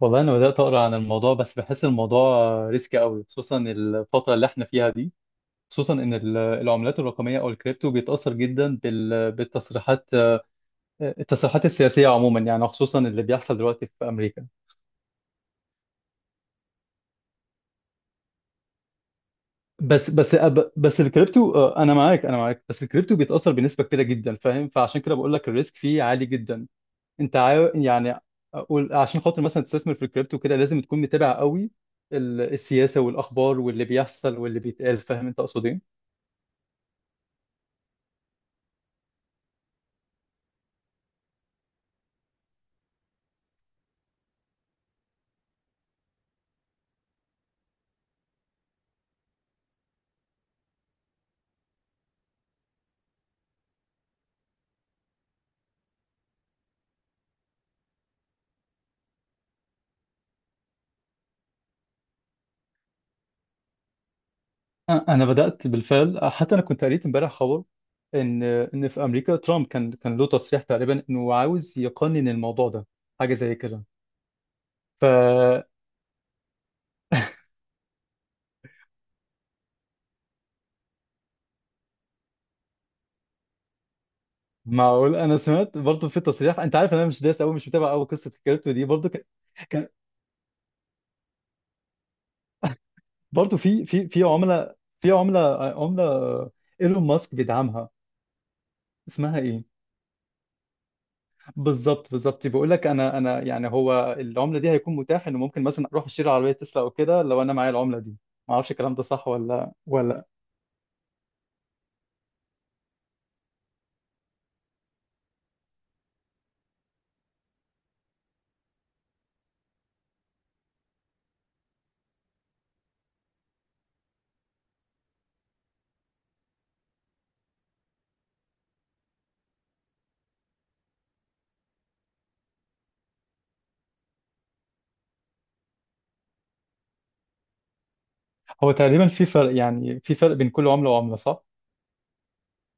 والله انا بدات اقرا عن الموضوع بس بحس الموضوع ريسكي قوي خصوصا الفتره اللي احنا فيها دي. خصوصا ان العملات الرقميه او الكريبتو بيتاثر جدا بالتصريحات. التصريحات السياسيه عموما يعني خصوصا اللي بيحصل دلوقتي في امريكا. بس الكريبتو، آه، انا معاك، بس الكريبتو بيتاثر بنسبه كبيره جدا، فاهم؟ فعشان كده بقول لك الريسك فيه عالي جدا. انت عاو يعني أقول- عشان خاطر مثلا تستثمر في الكريبتو كده لازم تكون متابع قوي السياسه والاخبار واللي بيحصل واللي بيتقال، فاهم انت اقصد ايه؟ انا بدات بالفعل، حتى انا كنت قريت امبارح خبر ان في امريكا ترامب كان له تصريح تقريبا انه عاوز يقنن الموضوع ده، حاجه زي كده. فمعقول. انا سمعت برضو في تصريح، انت عارف إن انا مش دايس قوي، مش متابع قوي قصه الكريبتو دي. برضو كان، كان برضو في عمله ايلون ماسك بيدعمها. اسمها ايه؟ بالظبط بيقول لك انا يعني هو العمله دي هيكون متاح انه ممكن مثلا اروح اشتري عربيه تسلا او كده لو انا معايا العمله دي. ما اعرفش الكلام ده صح ولا. هو تقريبا في فرق، يعني في فرق بين كل عملة وعملة، صح؟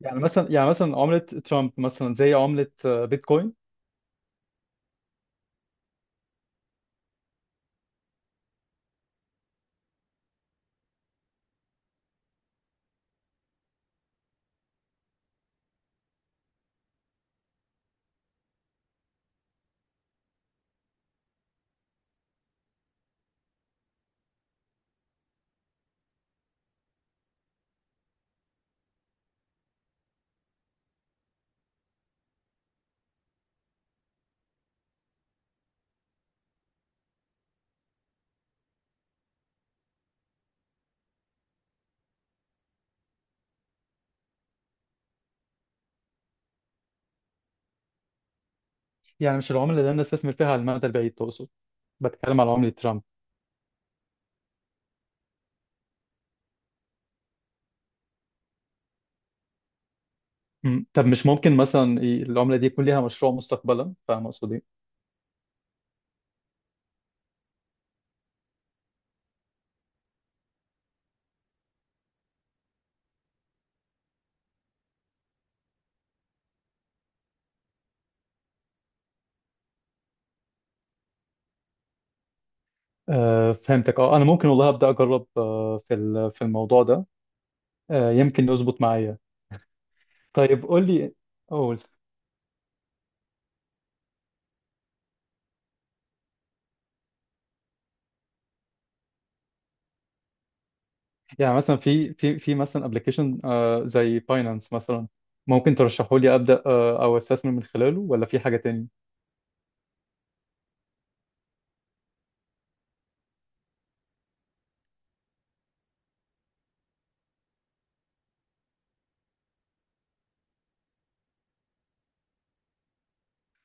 يعني مثلا عملة ترامب مثلا زي عملة، آه، بيتكوين. يعني مش العملة اللي أنا استثمر فيها على المدى البعيد تقصد؟ بتكلم على عملة ترامب. مم. طب مش ممكن مثلا العملة دي يكون ليها مشروع مستقبلا، فاهم قصدي؟ إيه؟ آه فهمتك. اه أنا ممكن والله أبدأ أجرب، آه، في في الموضوع ده، آه يمكن يظبط معايا. طيب قول لي، قول. يعني مثلا في مثلا ابلكيشن، آه، زي باينانس مثلا، ممكن ترشحه لي أبدأ آه أو أستثمر من خلاله، ولا في حاجة تانية؟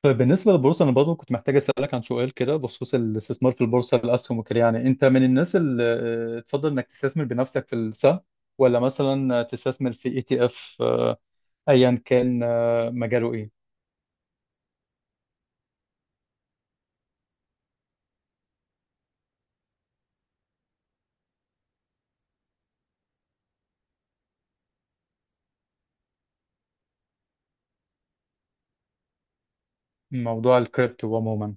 طيب بالنسبة للبورصة أنا برضه كنت محتاج أسألك عن سؤال كده بخصوص الاستثمار في البورصة، الأسهم وكده. يعني أنت من الناس اللي، آه، تفضل إنك تستثمر بنفسك في السهم، ولا مثلا تستثمر في ETF، أيا كان، آه، مجاله إيه؟ موضوع الكريبتو عموما.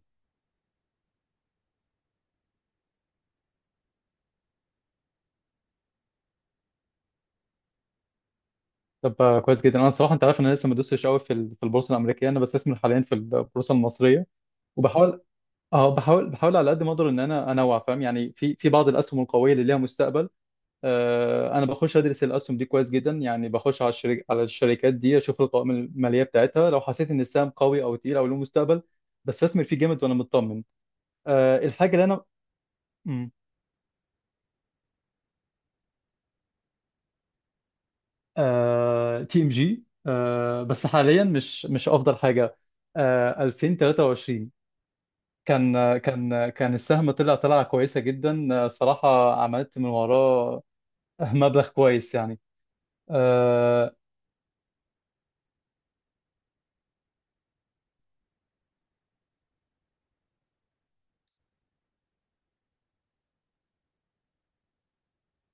طب، آه، كويس جدا. أنا صراحة أنت عارف إن أنا لسه ما دوستش قوي في في البورصة الأمريكية. أنا بستثمر حاليا في البورصة المصرية وبحاول، أه بحاول بحاول على قد ما أقدر إن أنا أنوع، فاهم يعني؟ في بعض الأسهم القوية اللي ليها مستقبل، آه، انا بخش ادرس الاسهم دي كويس جدا. يعني بخش على على الشركات دي اشوف القوائم الماليه بتاعتها، لو حسيت ان السهم قوي او تقيل او له مستقبل بستثمر فيه جامد وانا مطمن. أه الحاجه اللي انا، TMG، بس حاليا مش افضل حاجه. أه 2023 كان، آه، كان، آه، كان السهم طلع طلعه كويسه جدا، آه، صراحه عملت من وراه مبلغ كويس يعني. آه،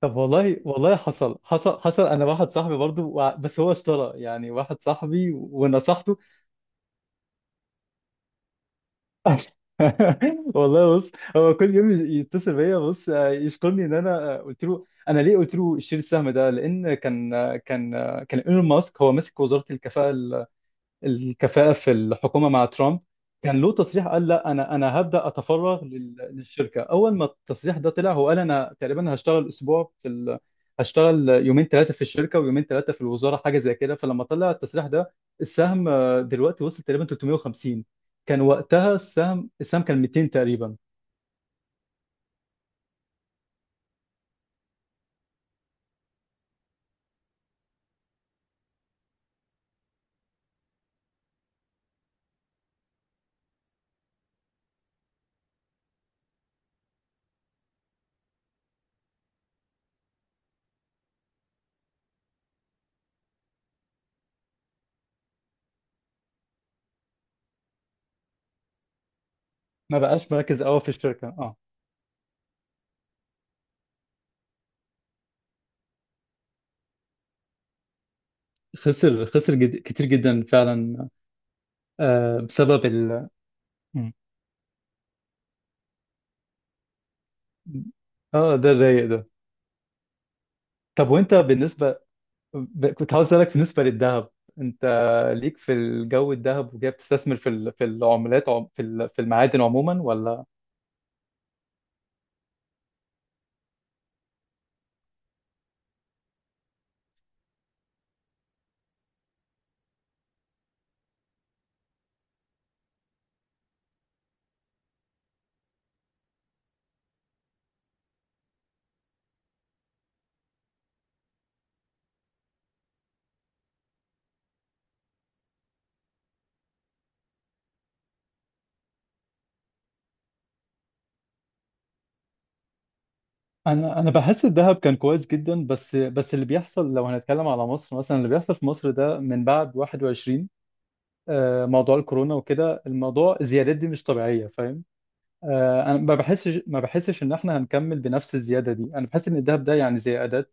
طب والله والله حصل، حصل. انا واحد صاحبي برضو بس هو اشترى، يعني واحد صاحبي ونصحته. والله بص هو كل يوم يتصل بيا بص، آه، يشكرني ان انا، آه، قلت له. انا ليه قلت له اشتري السهم ده؟ لان كان، آه، كان، آه، كان ايلون ماسك هو ماسك وزارة الكفاءة، الكفاءة في الحكومة مع ترامب. كان له تصريح قال لا، أنا هبدأ أتفرغ للشركة. أول ما التصريح ده طلع هو قال أنا تقريبا هشتغل أسبوع في ال... هشتغل يومين ثلاثة في الشركة ويومين ثلاثة في الوزارة، حاجة زي كده. فلما طلع التصريح ده السهم، آه، دلوقتي وصل تقريبا 350. كان وقتها السهم كان 200 تقريبا. ما بقاش مركز قوي في الشركة، اه. خسر، كتير جدا فعلا، آه، بسبب ال... م. اه ده الرايق ده. طب وانت بالنسبة، كنت عاوز اسالك بالنسبه للذهب. انت ليك في الجو الذهب؟ وجاي بتستثمر في في العملات، في في المعادن عموما، ولا؟ انا بحس الذهب كان كويس جدا، بس بس اللي بيحصل لو هنتكلم على مصر مثلا، اللي بيحصل في مصر ده من بعد 21، آه، موضوع الكورونا وكده، الموضوع الزيادات دي مش طبيعيه، فاهم؟ آه، انا ما بحسش ان احنا هنكمل بنفس الزياده دي. انا بحس ان الذهب ده يعني زي اداه،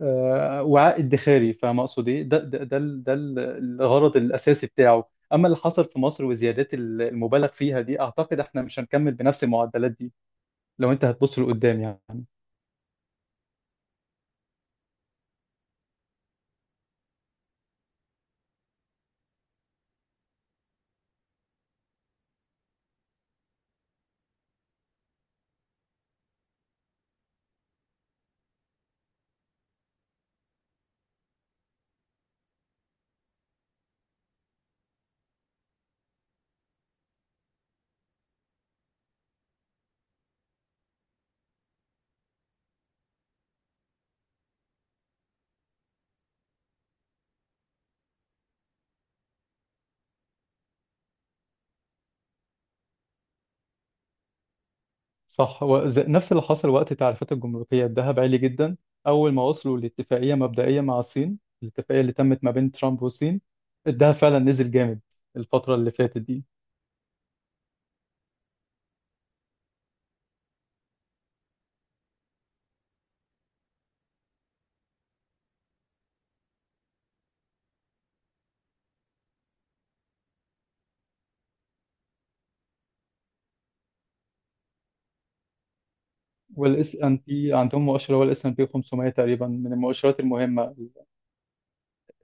آه، وعاء ادخاري، فاهم اقصد ايه؟ الغرض الاساسي بتاعه. اما اللي حصل في مصر وزيادات المبالغ فيها دي اعتقد احنا مش هنكمل بنفس المعدلات دي لو انت هتبص لقدام يعني. صح، نفس اللي حصل وقت التعريفات الجمركيه، الذهب عالي جدا، اول ما وصلوا لاتفاقيه مبدئيه مع الصين، الاتفاقيه اللي تمت ما بين ترامب والصين الذهب فعلا نزل جامد الفتره اللي فاتت دي. والاس ان بي عندهم مؤشر، هو الـS&P 500 تقريبا من المؤشرات المهمه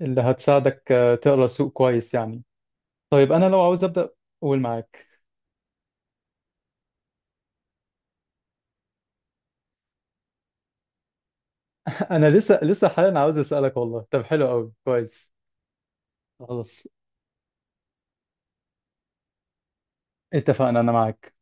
اللي هتساعدك، آه، تقرا السوق كويس يعني. طيب انا لو عاوز ابدا، قول معاك. انا لسه حاليا عاوز اسالك والله. طب حلو قوي، كويس. خلاص، اتفقنا، انا معاك.